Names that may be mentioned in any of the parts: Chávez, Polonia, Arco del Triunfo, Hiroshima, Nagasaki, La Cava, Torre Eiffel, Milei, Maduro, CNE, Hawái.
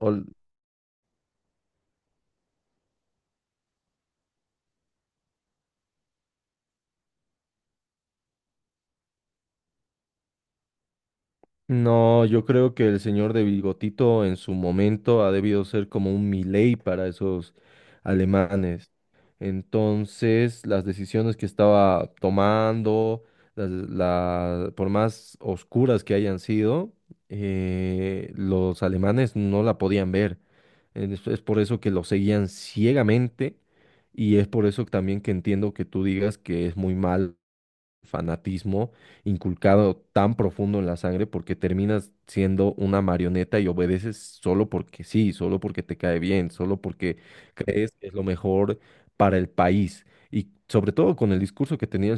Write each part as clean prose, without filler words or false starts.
Ol- No, yo creo que el señor de Bigotito en su momento ha debido ser como un Milei para esos alemanes. Entonces, las decisiones que estaba tomando, las- la- por más oscuras que hayan sido, los alemanes no la podían ver. Es por eso que lo seguían ciegamente y es por eso también que entiendo que tú digas que es muy malo fanatismo inculcado tan profundo en la sangre porque terminas siendo una marioneta y obedeces solo porque sí, solo porque te cae bien, solo porque crees que es lo mejor para el país. Y sobre todo con el discurso que tenía,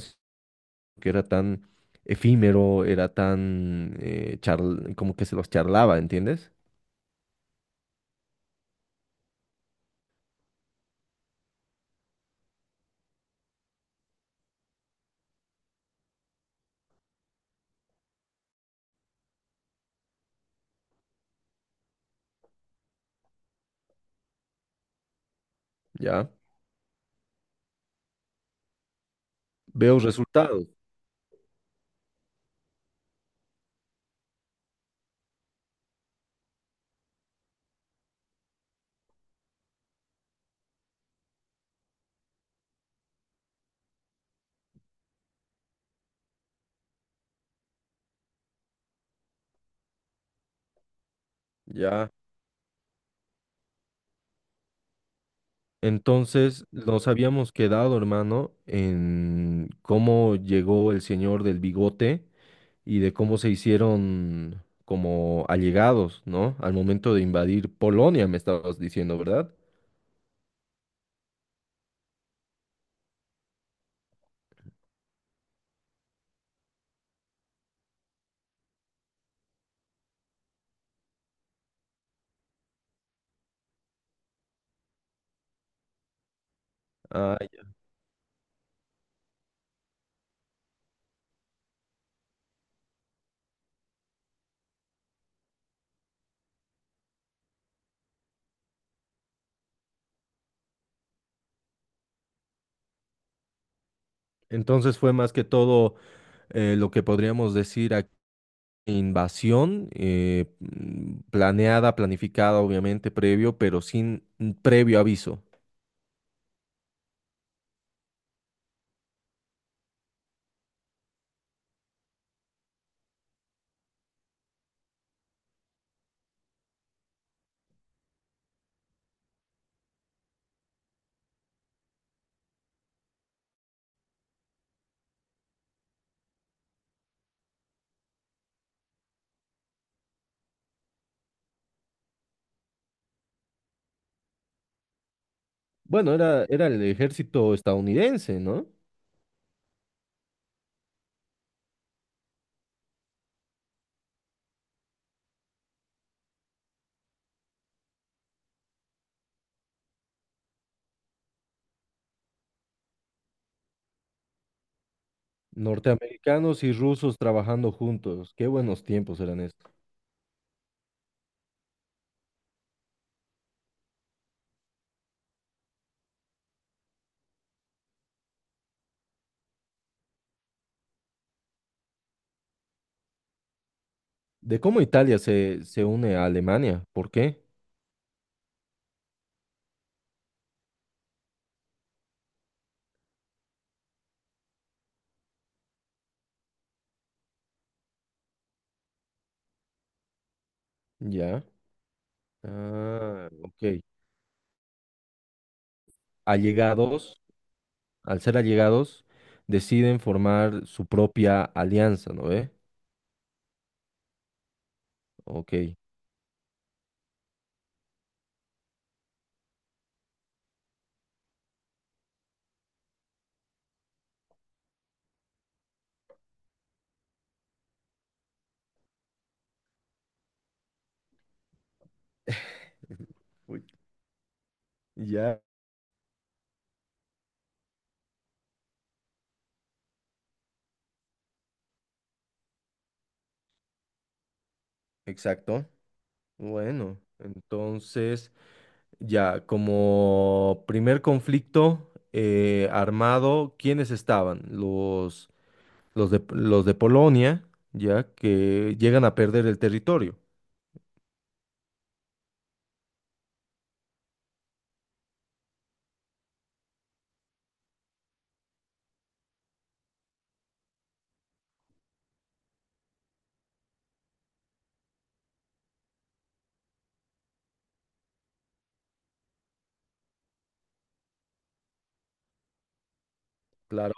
que era tan efímero, era tan charl- como que se los charlaba, ¿entiendes? Ya veo resultados, ya. Entonces nos habíamos quedado, hermano, en cómo llegó el señor del bigote y de cómo se hicieron como allegados, ¿no? Al momento de invadir Polonia, me estabas diciendo, ¿verdad? Ah, ya. Entonces fue más que todo lo que podríamos decir aquí, invasión planeada, planificada, obviamente, previo, pero sin previo aviso. Bueno, era el ejército estadounidense, ¿no? Norteamericanos y rusos trabajando juntos. Qué buenos tiempos eran estos. De cómo Italia se une a Alemania. ¿Por qué? Ya. Ah, ok. Allegados, al ser allegados, deciden formar su propia alianza, ¿no ve? Ok. Uy, ya. Exacto. Bueno, entonces, ya, como primer conflicto armado, ¿quiénes estaban? Los de Polonia, ya, que llegan a perder el territorio. Claro.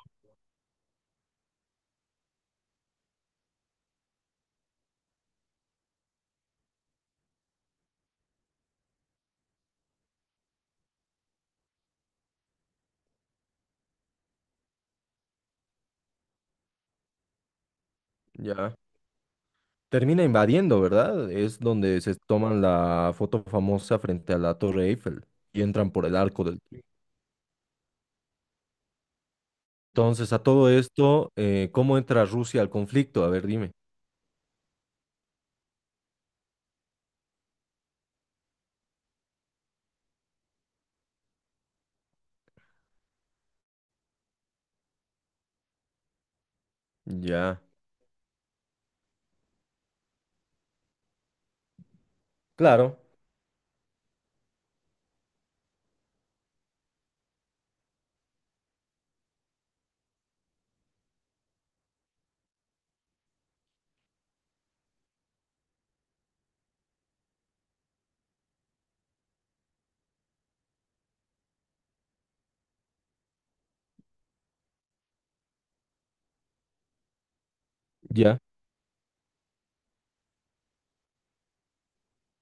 Ya. Termina invadiendo, ¿verdad? Es donde se toman la foto famosa frente a la Torre Eiffel y entran por el Arco del Triunfo. Entonces, a todo esto, ¿cómo entra Rusia al conflicto? A ver, dime. Ya, claro, ya.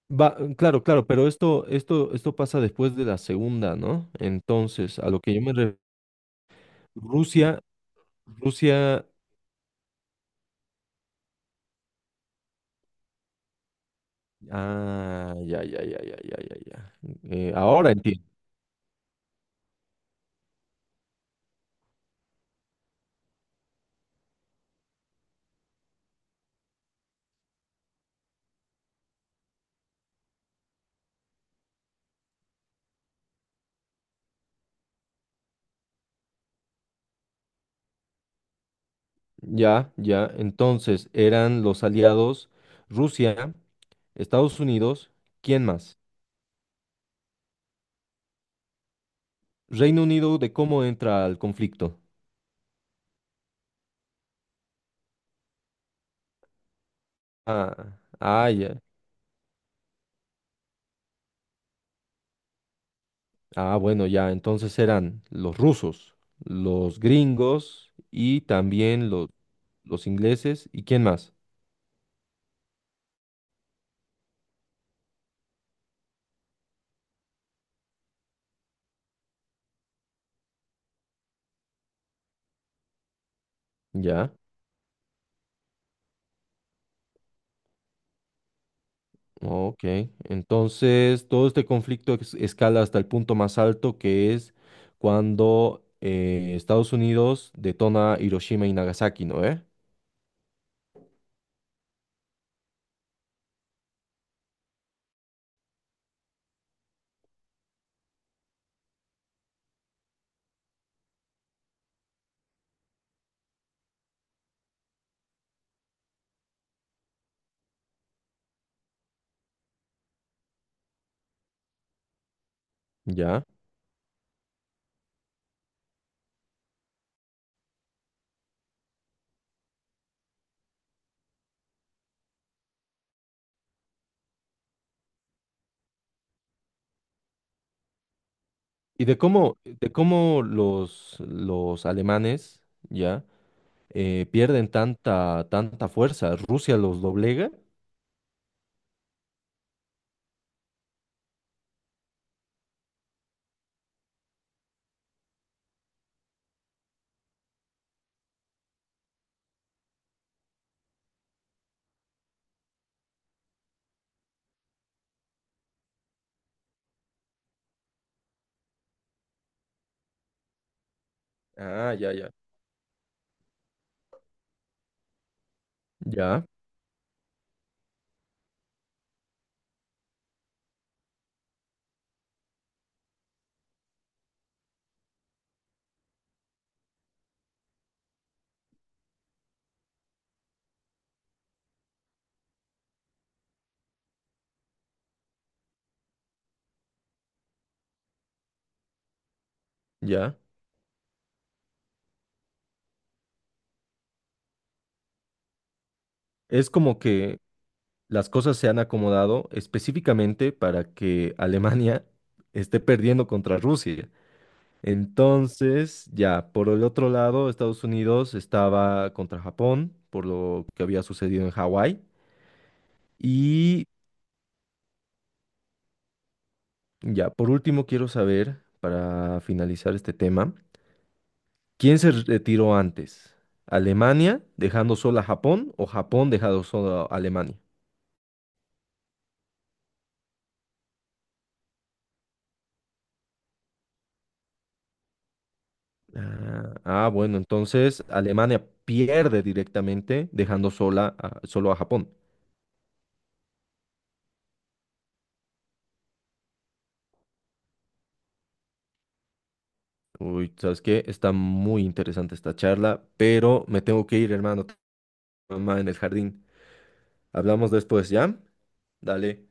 Va, claro, claro, pero esto pasa después de la segunda, ¿no? Entonces, a lo que yo me refiero, Rusia, Rusia, ah, ya, ya, ya, ya, ya, ya, ya. Ahora entiendo. Ya, ya. Entonces, eran los aliados. Rusia, Estados Unidos, ¿quién más? Reino Unido, ¿de cómo entra al conflicto? Ah, ah, ya. Ah, bueno, ya, entonces eran los rusos, los gringos y también los ingleses, ¿y quién más? Ya, ok. Entonces, todo este conflicto es- escala hasta el punto más alto que es cuando Estados Unidos detona Hiroshima y Nagasaki, ¿no? ¿Eh? Ya. Y de cómo los alemanes ya pierden tanta fuerza. Rusia los doblega. Ah, ya, ya. Ya, ya. Es como que las cosas se han acomodado específicamente para que Alemania esté perdiendo contra Rusia. Entonces, ya, por el otro lado, Estados Unidos estaba contra Japón por lo que había sucedido en Hawái. Y ya, por último quiero saber, para finalizar este tema, ¿quién se retiró antes? ¿Alemania dejando sola a Japón o Japón dejando sola a Alemania? Ah, ah, bueno, entonces Alemania pierde directamente dejando sola a- solo a Japón. Uy, ¿sabes qué? Está muy interesante esta charla, pero me tengo que ir, hermano. Tengo Mamá en el jardín. Hablamos después, ¿ya? Dale,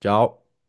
chao.